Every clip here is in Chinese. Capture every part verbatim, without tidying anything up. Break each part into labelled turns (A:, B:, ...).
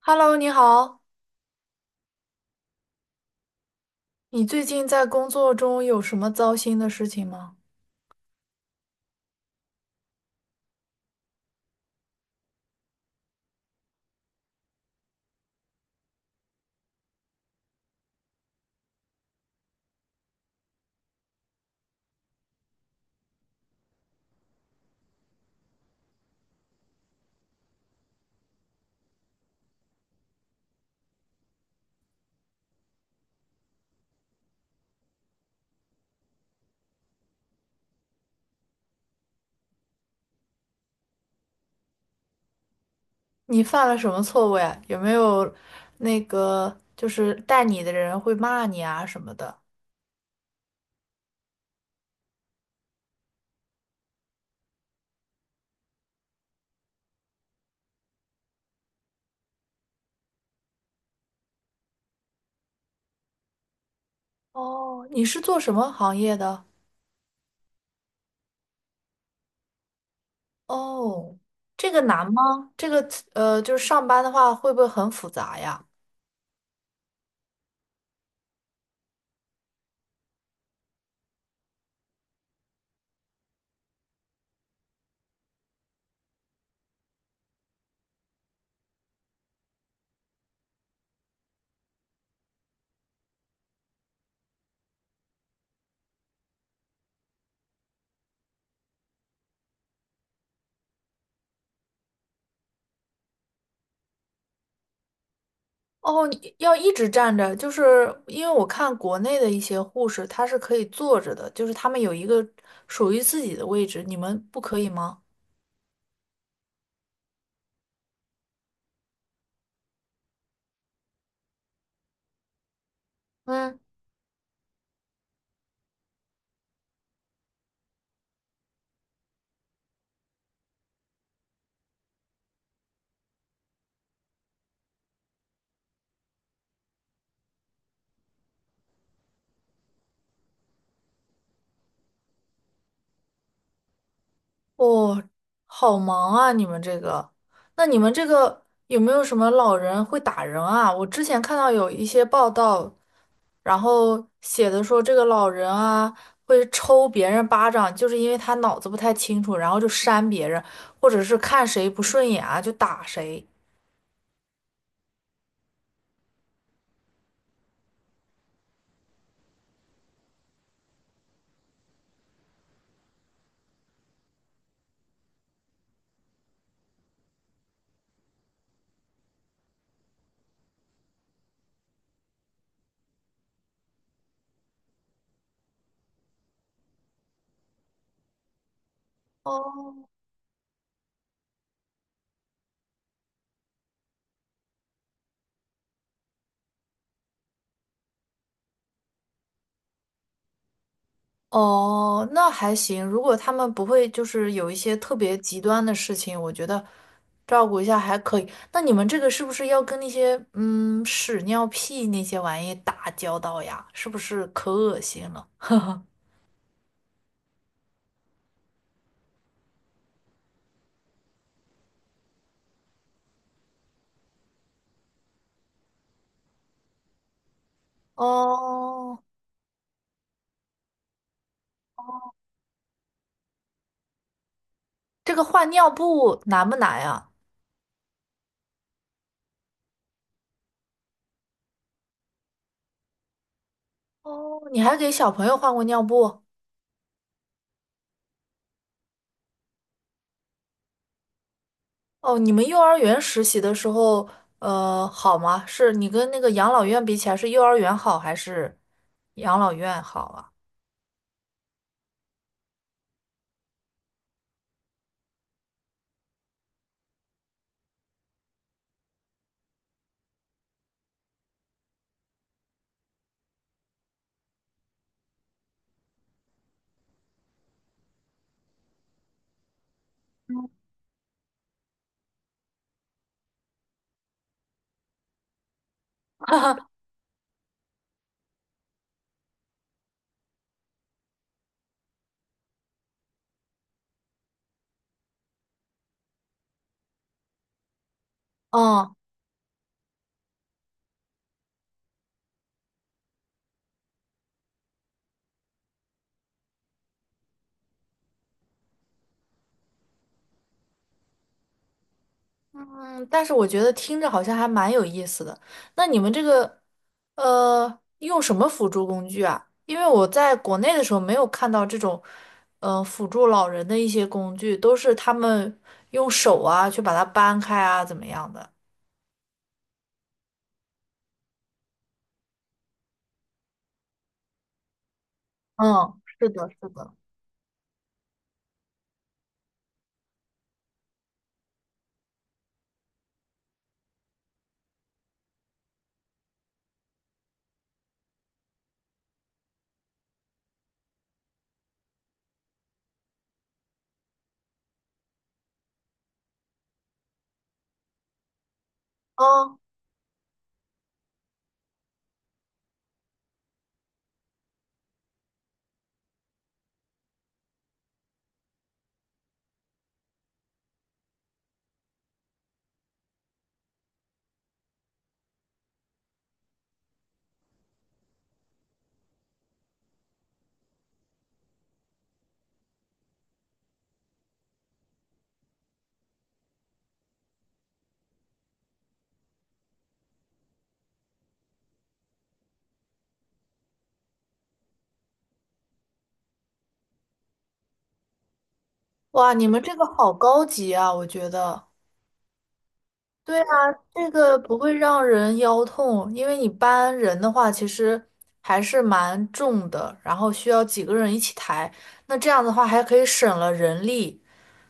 A: Hello，你好，你最近在工作中有什么糟心的事情吗？你犯了什么错误呀？有没有那个就是带你的人会骂你啊什么的？哦，你是做什么行业的？哦，这个难吗？这个呃，就是上班的话会不会很复杂呀？哦，你要一直站着，就是因为我看国内的一些护士，她是可以坐着的，就是他们有一个属于自己的位置，你们不可以吗？嗯。哦，好忙啊！你们这个，那你们这个有没有什么老人会打人啊？我之前看到有一些报道，然后写的说这个老人啊会抽别人巴掌，就是因为他脑子不太清楚，然后就扇别人，或者是看谁不顺眼啊就打谁。哦，哦，那还行。如果他们不会就是有一些特别极端的事情，我觉得照顾一下还可以。那你们这个是不是要跟那些嗯屎尿屁那些玩意打交道呀？是不是可恶心了？哦，这个换尿布难不难呀？哦，你还给小朋友换过尿布？哦，你们幼儿园实习的时候，呃，好吗？是你跟那个养老院比起来，是幼儿园好还是养老院好啊？嗯，但是我觉得听着好像还蛮有意思的。那你们这个，呃，用什么辅助工具啊？因为我在国内的时候没有看到这种，呃，辅助老人的一些工具，都是他们用手啊去把它搬开啊，怎么样的？嗯，是的，是的。嗯，哇，你们这个好高级啊，我觉得。对啊，这个不会让人腰痛，因为你搬人的话，其实还是蛮重的，然后需要几个人一起抬。那这样的话，还可以省了人力，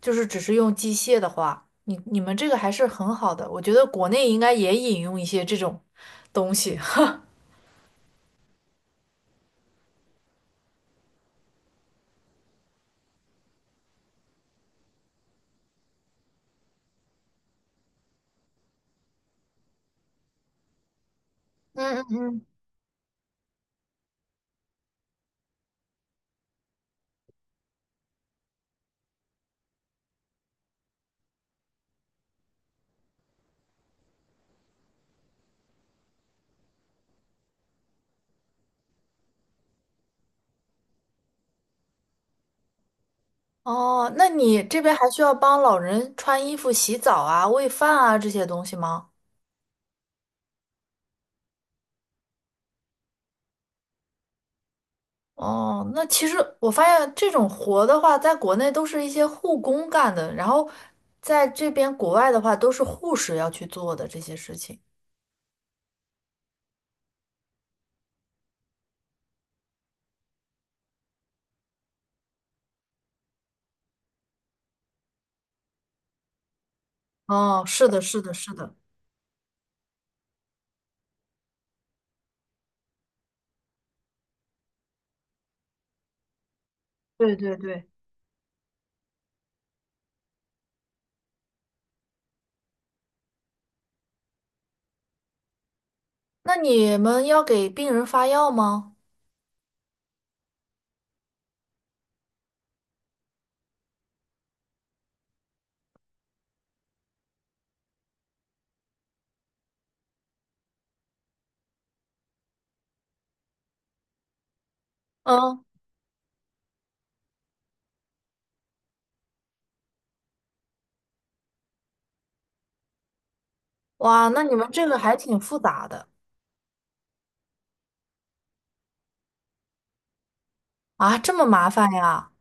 A: 就是只是用机械的话，你你们这个还是很好的。我觉得国内应该也引用一些这种东西。嗯嗯嗯。哦，那你这边还需要帮老人穿衣服、洗澡啊、喂饭啊这些东西吗？哦，那其实我发现这种活的话，在国内都是一些护工干的，然后在这边国外的话，都是护士要去做的这些事情。哦，是的，是的，是的，对对对。那你们要给病人发药吗？嗯，哇，那你们这个还挺复杂的啊，这么麻烦呀！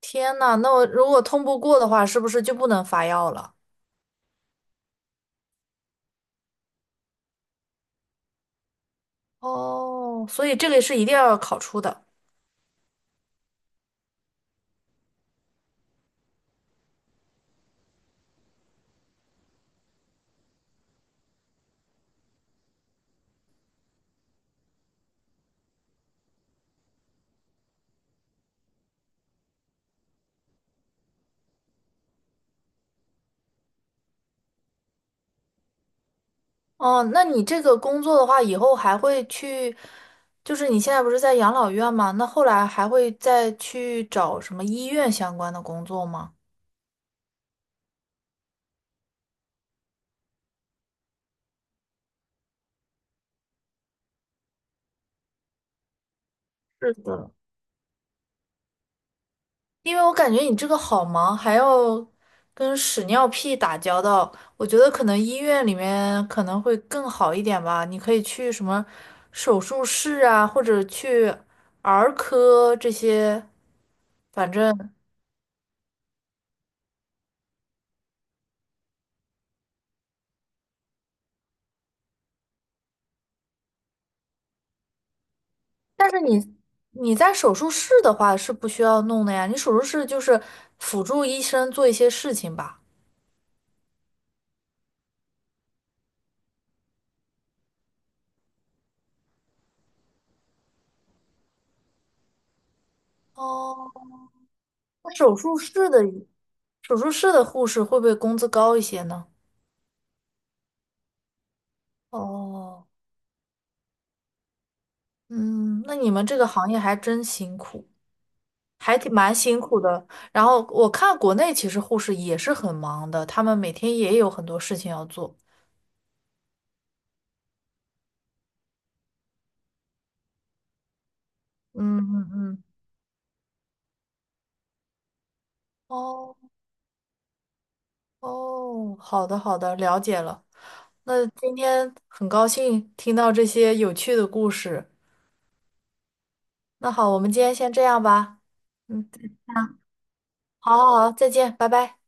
A: 天呐，那我如果通不过的话，是不是就不能发药了？哦，所以这个是一定要考出的。哦，那你这个工作的话，以后还会去，就是你现在不是在养老院吗？那后来还会再去找什么医院相关的工作吗？是的。因为我感觉你这个好忙，还要跟屎尿屁打交道，我觉得可能医院里面可能会更好一点吧。你可以去什么手术室啊，或者去儿科这些，反正。但是你你在手术室的话是不需要弄的呀，你手术室就是辅助医生做一些事情吧。哦，那手术室的手术室的护士会不会工资高一些呢？哦，嗯，那你们这个行业还真辛苦，还挺蛮辛苦的。然后我看国内其实护士也是很忙的，他们每天也有很多事情要做。嗯嗯嗯。哦。哦，好的好的，了解了。那今天很高兴听到这些有趣的故事。那好，我们今天先这样吧。嗯，好好好，再见，拜拜。